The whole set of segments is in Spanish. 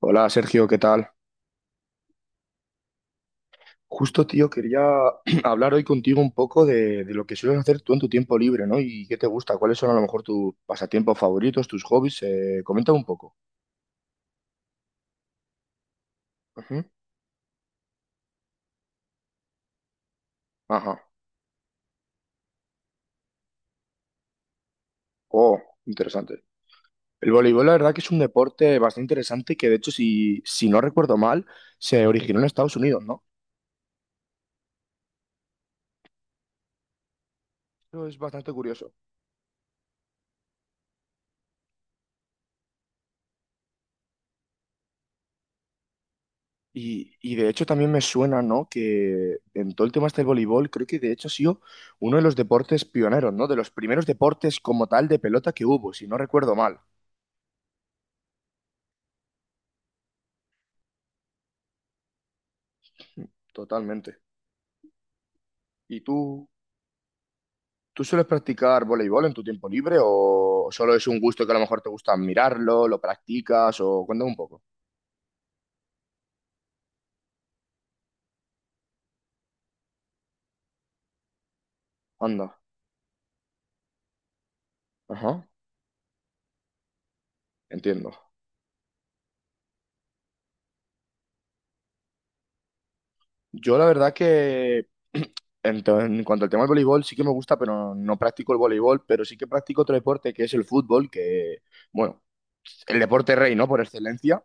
Hola Sergio, ¿qué tal? Justo, tío, quería hablar hoy contigo un poco de lo que sueles hacer tú en tu tiempo libre, ¿no? ¿Y qué te gusta? ¿Cuáles son a lo mejor tus pasatiempos favoritos, tus hobbies? Comenta un poco. Ujú. Ajá. Oh, interesante. El voleibol, la verdad que es un deporte bastante interesante que, de hecho, si no recuerdo mal, se originó en Estados Unidos, ¿no? Eso es bastante curioso. Y de hecho también me suena, ¿no? Que en todo el tema este del voleibol, creo que de hecho ha sido uno de los deportes pioneros, ¿no? De los primeros deportes como tal de pelota que hubo, si no recuerdo mal. Mm. Totalmente. ¿Y tú sueles practicar voleibol en tu tiempo libre o solo es un gusto que a lo mejor te gusta mirarlo, lo practicas o cuéntame un poco? Anda. Ajá, entiendo. Yo la verdad que en cuanto al tema del voleibol sí que me gusta, pero no practico el voleibol, pero sí que practico otro deporte que es el fútbol, que bueno, el deporte rey, ¿no? Por excelencia.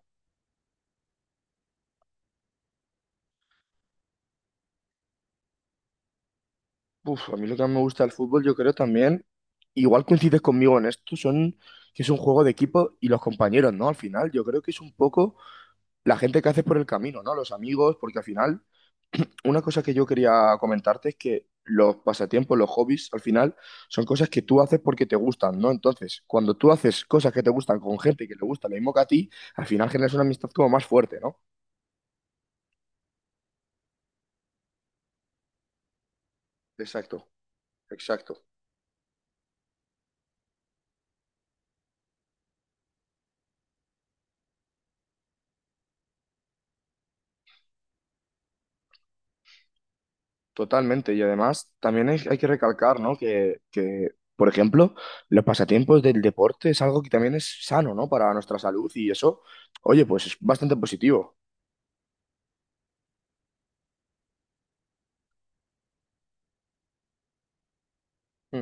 Uf, a mí lo que más me gusta del fútbol, yo creo también, igual coincides conmigo en esto, son que es un juego de equipo y los compañeros, ¿no? Al final, yo creo que es un poco la gente que haces por el camino, ¿no? Los amigos, porque al final una cosa que yo quería comentarte es que los pasatiempos, los hobbies, al final son cosas que tú haces porque te gustan, ¿no? Entonces, cuando tú haces cosas que te gustan con gente que le gusta lo mismo que a ti, al final generas una amistad como más fuerte, ¿no? Exacto, exacto, totalmente. Y además, también hay que recalcar, ¿no? Que, por ejemplo, los pasatiempos del deporte es algo que también es sano, ¿no? Para nuestra salud y eso, oye, pues es bastante positivo. Mm.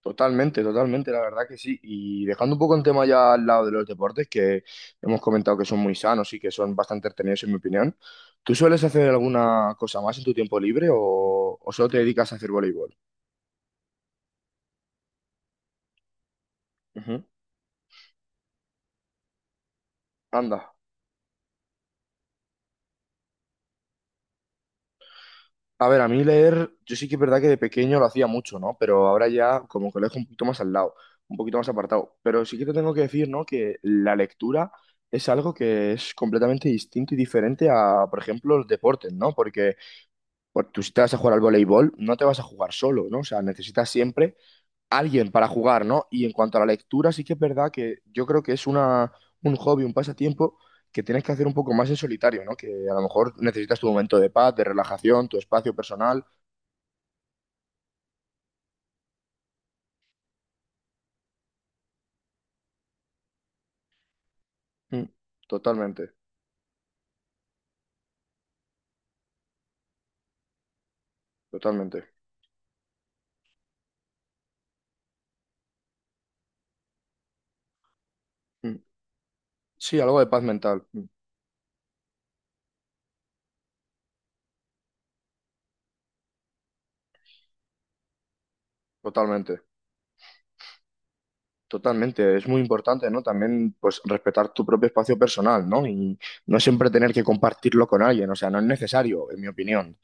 Totalmente, totalmente, la verdad que sí. Y dejando un poco el tema ya al lado de los deportes, que hemos comentado que son muy sanos y que son bastante entretenidos en mi opinión, ¿tú sueles hacer alguna cosa más en tu tiempo libre o solo te dedicas a hacer voleibol? Ujú. Anda. A ver, a mí leer, yo sí que es verdad que de pequeño lo hacía mucho, ¿no? Pero ahora ya como que lo dejo un poquito más al lado, un poquito más apartado. Pero sí que te tengo que decir, ¿no? Que la lectura es algo que es completamente distinto y diferente a, por ejemplo, los deportes, ¿no? Porque... Pues tú si te vas a jugar al voleibol, no te vas a jugar solo, ¿no? O sea, necesitas siempre alguien para jugar, ¿no? Y en cuanto a la lectura, sí que es verdad que yo creo que es un hobby, un pasatiempo que tienes que hacer un poco más en solitario, ¿no? Que a lo mejor necesitas tu momento de paz, de relajación, tu espacio personal. Mm, totalmente, totalmente. Mm, sí, algo de paz mental. Mm. Totalmente. Totalmente, es muy importante, ¿no? También, pues, respetar tu propio espacio personal, ¿no? Y no siempre tener que compartirlo con alguien, o sea, no es necesario, en mi opinión.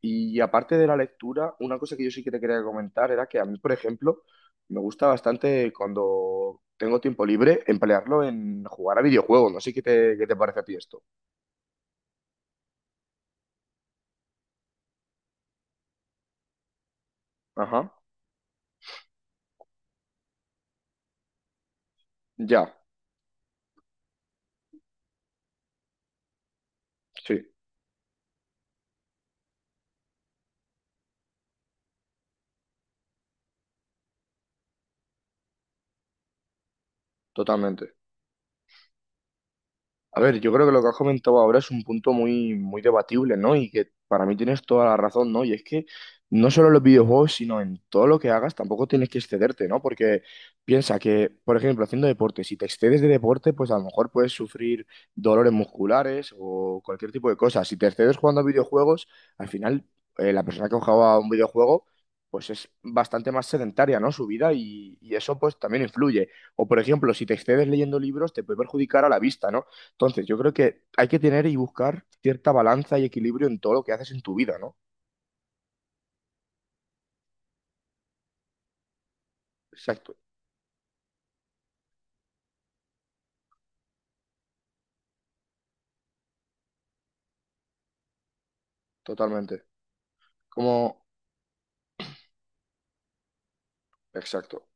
Y aparte de la lectura, una cosa que yo sí que te quería comentar era que a mí, por ejemplo, me gusta bastante cuando tengo tiempo libre emplearlo en jugar a videojuegos, no sé qué te parece a ti esto. Ajá, ya, sí, totalmente. A ver, yo creo que lo que has comentado ahora es un punto muy, muy debatible, ¿no? Y que para mí tienes toda la razón, ¿no? Y es que no solo en los videojuegos, sino en todo lo que hagas, tampoco tienes que excederte, ¿no? Porque piensa que, por ejemplo, haciendo deporte, si te excedes de deporte, pues a lo mejor puedes sufrir dolores musculares o cualquier tipo de cosa. Si te excedes jugando a videojuegos, al final la persona que juega a un videojuego, pues es bastante más sedentaria, ¿no? Su vida y eso pues también influye. O por ejemplo, si te excedes leyendo libros, te puede perjudicar a la vista, ¿no? Entonces, yo creo que hay que tener y buscar cierta balanza y equilibrio en todo lo que haces en tu vida, ¿no? Exacto, totalmente. Como, exacto,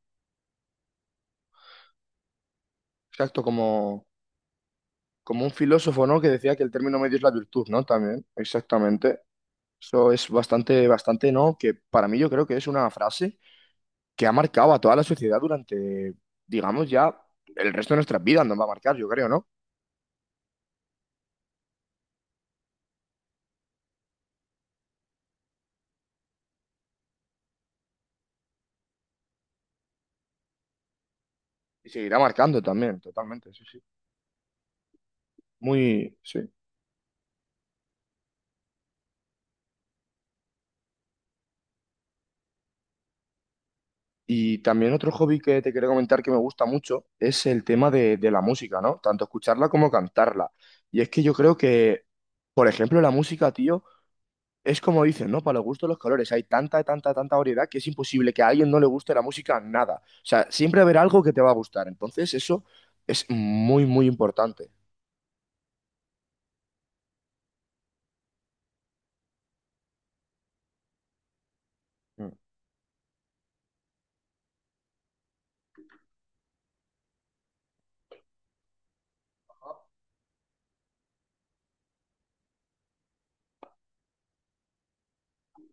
exacto, como un filósofo, ¿no? Que decía que el término medio es la virtud, ¿no? También, exactamente. Eso es bastante, bastante, ¿no? Que para mí yo creo que es una frase que ha marcado a toda la sociedad durante, digamos, ya el resto de nuestras vidas nos va a marcar, yo creo, ¿no? Y seguirá marcando también, totalmente, sí, sí. Sí. Y también otro hobby que te quería comentar que me gusta mucho es el tema de la música, ¿no? Tanto escucharla como cantarla. Y es que yo creo que, por ejemplo, la música, tío, es como dicen, ¿no? Para los gustos los colores. Hay tanta, tanta, tanta variedad que es imposible que a alguien no le guste la música nada. O sea, siempre habrá algo que te va a gustar. Entonces, eso es muy, muy importante. Mm.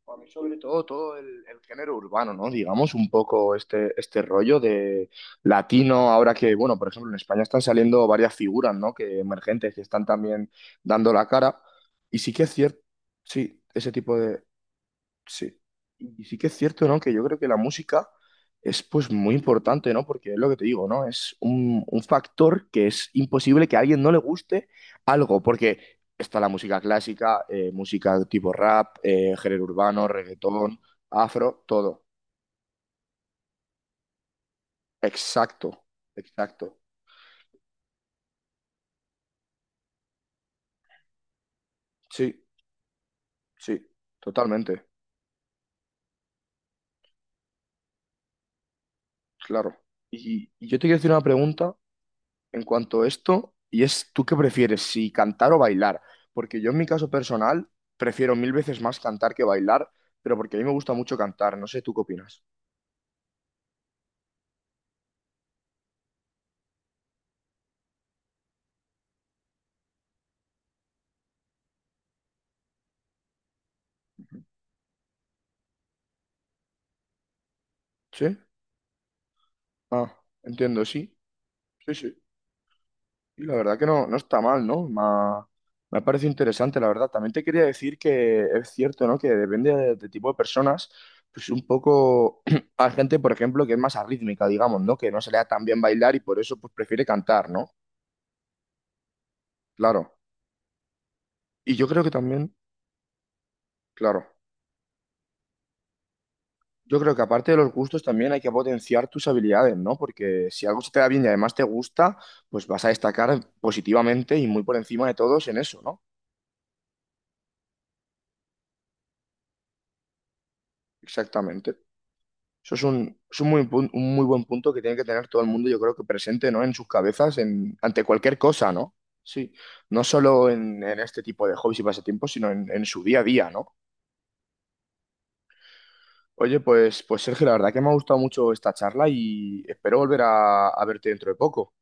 A mí sobre todo todo el género urbano, ¿no? Digamos un poco este rollo de latino, ahora que, bueno, por ejemplo, en España están saliendo varias figuras, ¿no? Que emergentes que están también dando la cara. Y sí que es cierto, sí, ese tipo de, sí. Y sí que es cierto, ¿no? Que yo creo que la música es pues muy importante, ¿no? Porque es lo que te digo, ¿no? Es un factor que es imposible que a alguien no le guste algo, porque está la música clásica, música tipo rap, género urbano, reggaetón, afro, todo. Exacto, exacto. Sí, sí, totalmente, claro. Y yo te quiero hacer una pregunta en cuanto a esto, y es tú qué prefieres, si cantar o bailar, porque yo en mi caso personal prefiero mil veces más cantar que bailar, pero porque a mí me gusta mucho cantar, no sé, ¿tú qué opinas? ¿Sí? Ah, entiendo, sí, sí, sí. Y la verdad que no, no está mal, ¿no? Me ha parecido interesante, la verdad. También te quería decir que es cierto, ¿no? Que depende de tipo de personas, pues un poco hay gente, por ejemplo, que es más arrítmica, digamos, ¿no? Que no se le da tan bien bailar y por eso pues prefiere cantar, ¿no? Claro. Y yo creo que también, claro. Yo creo que aparte de los gustos también hay que potenciar tus habilidades, ¿no? Porque si algo se te da bien y además te gusta, pues vas a destacar positivamente y muy por encima de todos en eso, ¿no? Exactamente. Eso es un un muy buen punto que tiene que tener todo el mundo, yo creo que presente, ¿no? En sus cabezas, ante cualquier cosa, ¿no? Sí, no solo en este tipo de hobbies y pasatiempos, sino en su día a día, ¿no? Oye, pues Sergio, la verdad que me ha gustado mucho esta charla y espero volver a verte dentro de poco.